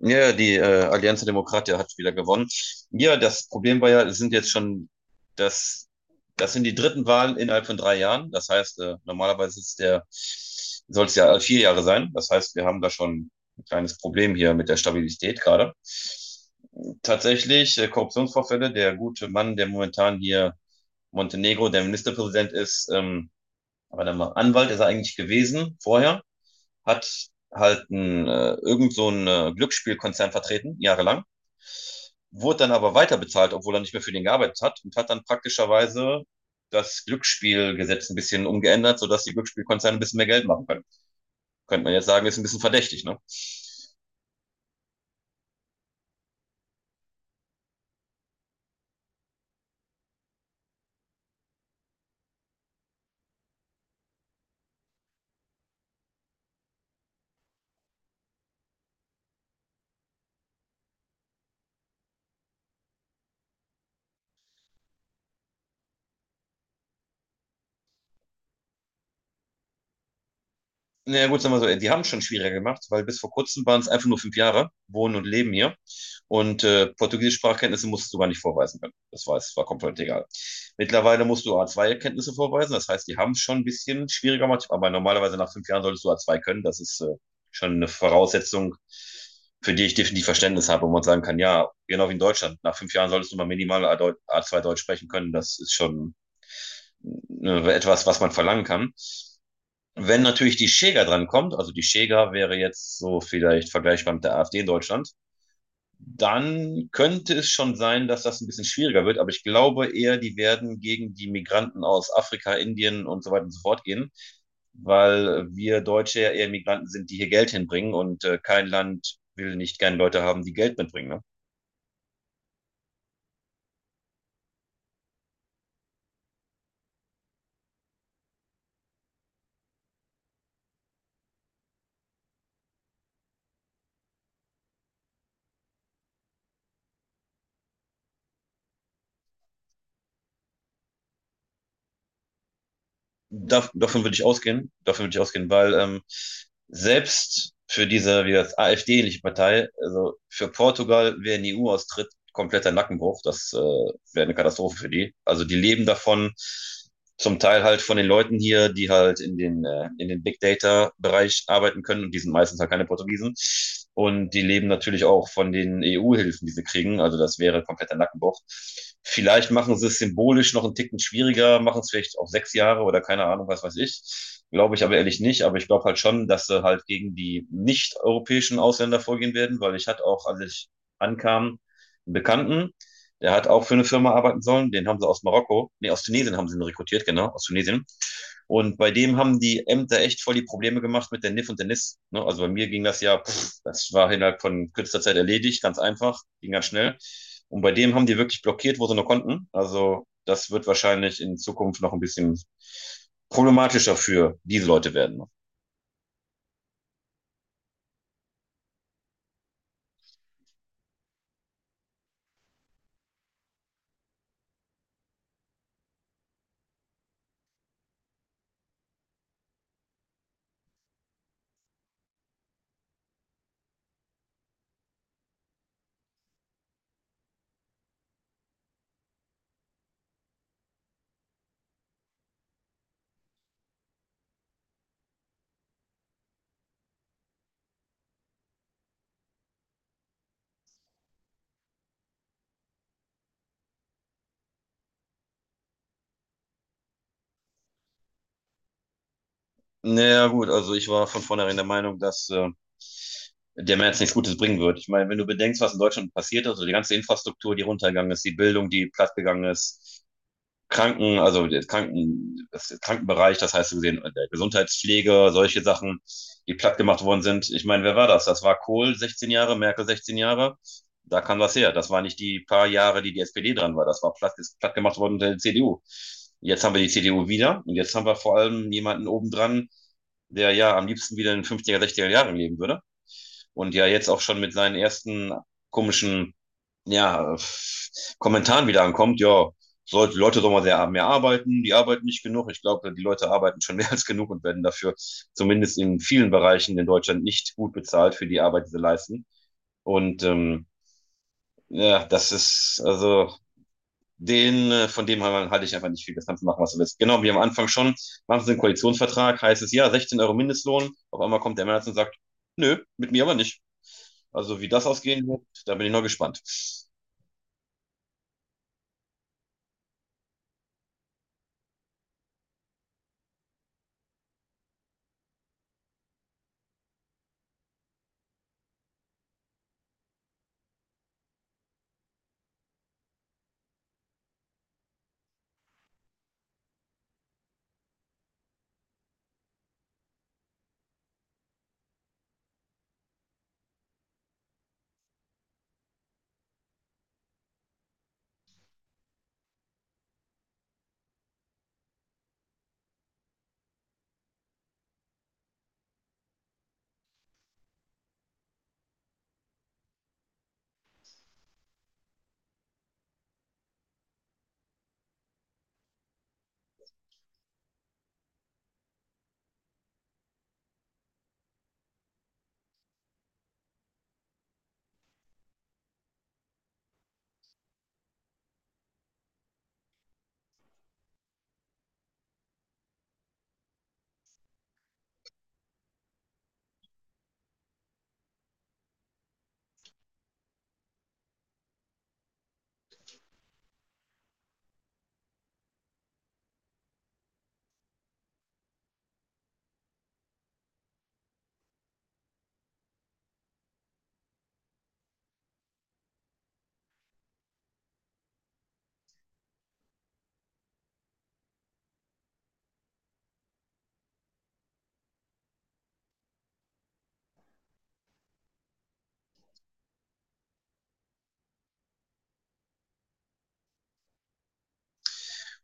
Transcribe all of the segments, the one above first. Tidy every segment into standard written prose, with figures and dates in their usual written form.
Ja, ja, die Allianz Demokratia hat wieder gewonnen. Ja, das Problem war ja, es sind jetzt schon, das, das sind die dritten Wahlen innerhalb von 3 Jahren. Das heißt, normalerweise ist der, soll es ja 4 Jahre sein. Das heißt, wir haben da schon ein kleines Problem hier mit der Stabilität gerade. Tatsächlich, Korruptionsvorfälle, der gute Mann, der momentan hier Montenegro der Ministerpräsident ist, aber dann mal Anwalt ist er eigentlich gewesen vorher, hat halt ein, irgend so ein Glücksspielkonzern vertreten, jahrelang, wurde dann aber weiter bezahlt, obwohl er nicht mehr für den gearbeitet hat und hat dann praktischerweise das Glücksspielgesetz ein bisschen umgeändert, sodass die Glücksspielkonzerne ein bisschen mehr Geld machen können. Könnte man jetzt sagen, ist ein bisschen verdächtig, ne? Na ja, gut, sagen wir so, die haben es schon schwieriger gemacht, weil bis vor kurzem waren es einfach nur 5 Jahre, wohnen und leben hier. Und portugiesische Sprachkenntnisse musstest du gar nicht vorweisen können. Das war, es war komplett egal. Mittlerweile musst du A2-Kenntnisse vorweisen, das heißt, die haben es schon ein bisschen schwieriger gemacht, aber normalerweise nach 5 Jahren solltest du A2 können. Das ist schon eine Voraussetzung, für die ich definitiv Verständnis habe, wo man sagen kann, ja, genau wie in Deutschland, nach 5 Jahren solltest du mal minimal A2 Deutsch sprechen können. Das ist schon etwas, was man verlangen kann. Wenn natürlich die Schäger dran kommt, also die Schäger wäre jetzt so vielleicht vergleichbar mit der AfD in Deutschland, dann könnte es schon sein, dass das ein bisschen schwieriger wird. Aber ich glaube eher, die werden gegen die Migranten aus Afrika, Indien und so weiter und so fort gehen, weil wir Deutsche ja eher Migranten sind, die hier Geld hinbringen und kein Land will nicht gerne Leute haben, die Geld mitbringen. Ne? Davon würde ich ausgehen, davon würde ich ausgehen, weil selbst für diese, wie das AfD-ähnliche Partei, also für Portugal, wer in die EU austritt, kompletter Nackenbruch, das wäre eine Katastrophe für die. Also die leben davon, zum Teil halt von den Leuten hier, die halt in den Big Data-Bereich arbeiten können und die sind meistens halt keine Portugiesen. Und die leben natürlich auch von den EU-Hilfen, die sie kriegen. Also das wäre kompletter Nackenbruch. Vielleicht machen sie es symbolisch noch einen Ticken schwieriger, machen es vielleicht auf 6 Jahre oder keine Ahnung, was weiß ich. Glaube ich aber ehrlich nicht. Aber ich glaube halt schon, dass sie halt gegen die nicht-europäischen Ausländer vorgehen werden, weil ich hatte auch, als ich ankam, einen Bekannten, der hat auch für eine Firma arbeiten sollen. Den haben sie aus Marokko, nee, aus Tunesien haben sie ihn rekrutiert, genau, aus Tunesien. Und bei dem haben die Ämter echt voll die Probleme gemacht mit der NIF und der NIS. Ne? Also bei mir ging das ja, pff, das war innerhalb von kürzester Zeit erledigt, ganz einfach, ging ganz schnell. Und bei dem haben die wirklich blockiert, wo sie nur konnten. Also das wird wahrscheinlich in Zukunft noch ein bisschen problematischer für diese Leute werden. Naja, gut, also ich war von vornherein der Meinung, dass der März nichts Gutes bringen wird. Ich meine, wenn du bedenkst, was in Deutschland passiert ist, also die ganze Infrastruktur, die runtergegangen ist, die Bildung, die plattgegangen ist, Kranken, also der Kranken, das Krankenbereich, das heißt, so gesehen, der Gesundheitspflege, solche Sachen, die plattgemacht worden sind. Ich meine, wer war das? Das war Kohl 16 Jahre, Merkel 16 Jahre. Da kam was her. Das war nicht die paar Jahre, die die SPD dran war. Das war platt, ist plattgemacht worden unter der CDU. Jetzt haben wir die CDU wieder und jetzt haben wir vor allem jemanden obendran, der ja am liebsten wieder in den 50er Jahren leben würde. Und ja jetzt auch schon mit seinen ersten komischen, ja, Kommentaren wieder ankommt, ja, sollte Leute doch mal sehr mehr arbeiten, die arbeiten nicht genug. Ich glaube, die Leute arbeiten schon mehr als genug und werden dafür zumindest in vielen Bereichen in Deutschland nicht gut bezahlt für die Arbeit, die sie leisten. Und ja, das ist also den, von dem halte ich einfach nicht viel. Das kannst du machen, was du willst. Genau, wie am Anfang schon, machen sie einen Koalitionsvertrag, heißt es ja, 16 € Mindestlohn. Auf einmal kommt der März und sagt, nö, mit mir aber nicht. Also wie das ausgehen wird, da bin ich noch gespannt.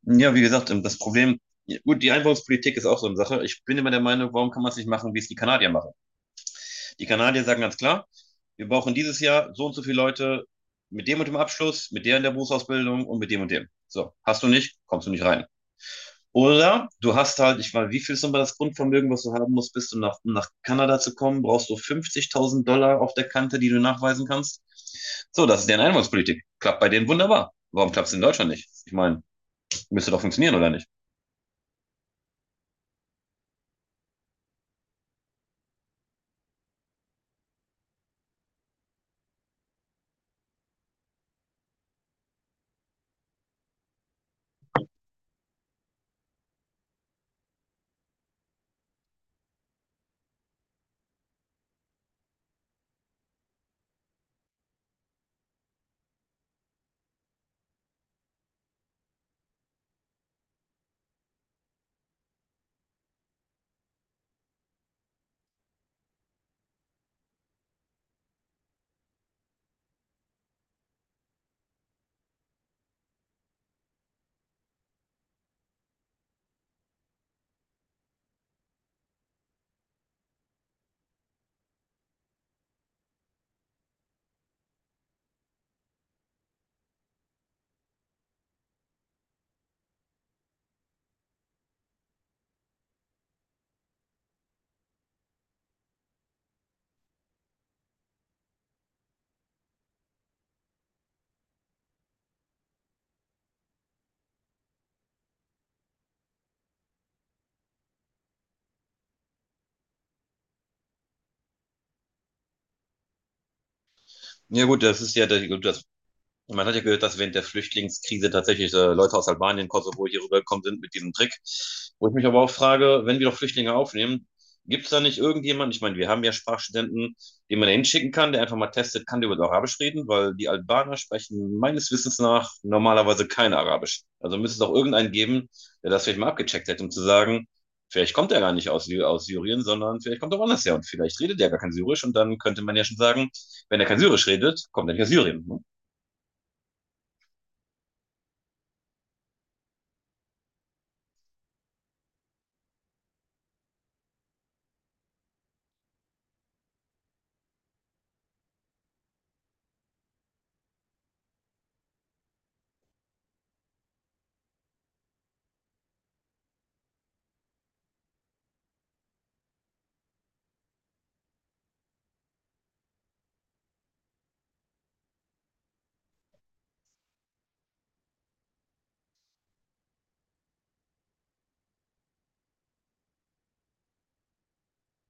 Ja, wie gesagt, das Problem, ja, gut, die Einwanderungspolitik ist auch so eine Sache. Ich bin immer der Meinung, warum kann man es nicht machen, wie es die Kanadier machen? Die Kanadier sagen ganz klar, wir brauchen dieses Jahr so und so viele Leute mit dem und dem Abschluss, mit der in der Berufsausbildung und mit dem und dem. So, hast du nicht, kommst du nicht rein. Oder du hast halt, ich weiß, wie viel ist nochmal das Grundvermögen, was du haben musst, bist du nach, um nach Kanada zu kommen, brauchst du 50.000 $ auf der Kante, die du nachweisen kannst. So, das ist deren Einwanderungspolitik. Klappt bei denen wunderbar. Warum klappt es in Deutschland nicht? Ich meine, müsste doch funktionieren, oder nicht? Ja gut, das ist ja, der- gut, das Man hat ja gehört, dass während der Flüchtlingskrise tatsächlich Leute aus Albanien, Kosovo hier rübergekommen sind mit diesem Trick. Wo ich mich aber auch frage, wenn wir doch Flüchtlinge aufnehmen, gibt es da nicht irgendjemanden, ich meine, wir haben ja Sprachstudenten, den man da hinschicken kann, der einfach mal testet, kann der über Arabisch reden, weil die Albaner sprechen meines Wissens nach normalerweise kein Arabisch. Also müsste es auch irgendeinen geben, der das vielleicht mal abgecheckt hätte, um zu sagen, vielleicht kommt er gar nicht aus, aus Syrien, sondern vielleicht kommt er woanders her und vielleicht redet er gar kein Syrisch und dann könnte man ja schon sagen, wenn er kein Syrisch redet, kommt er nicht aus Syrien.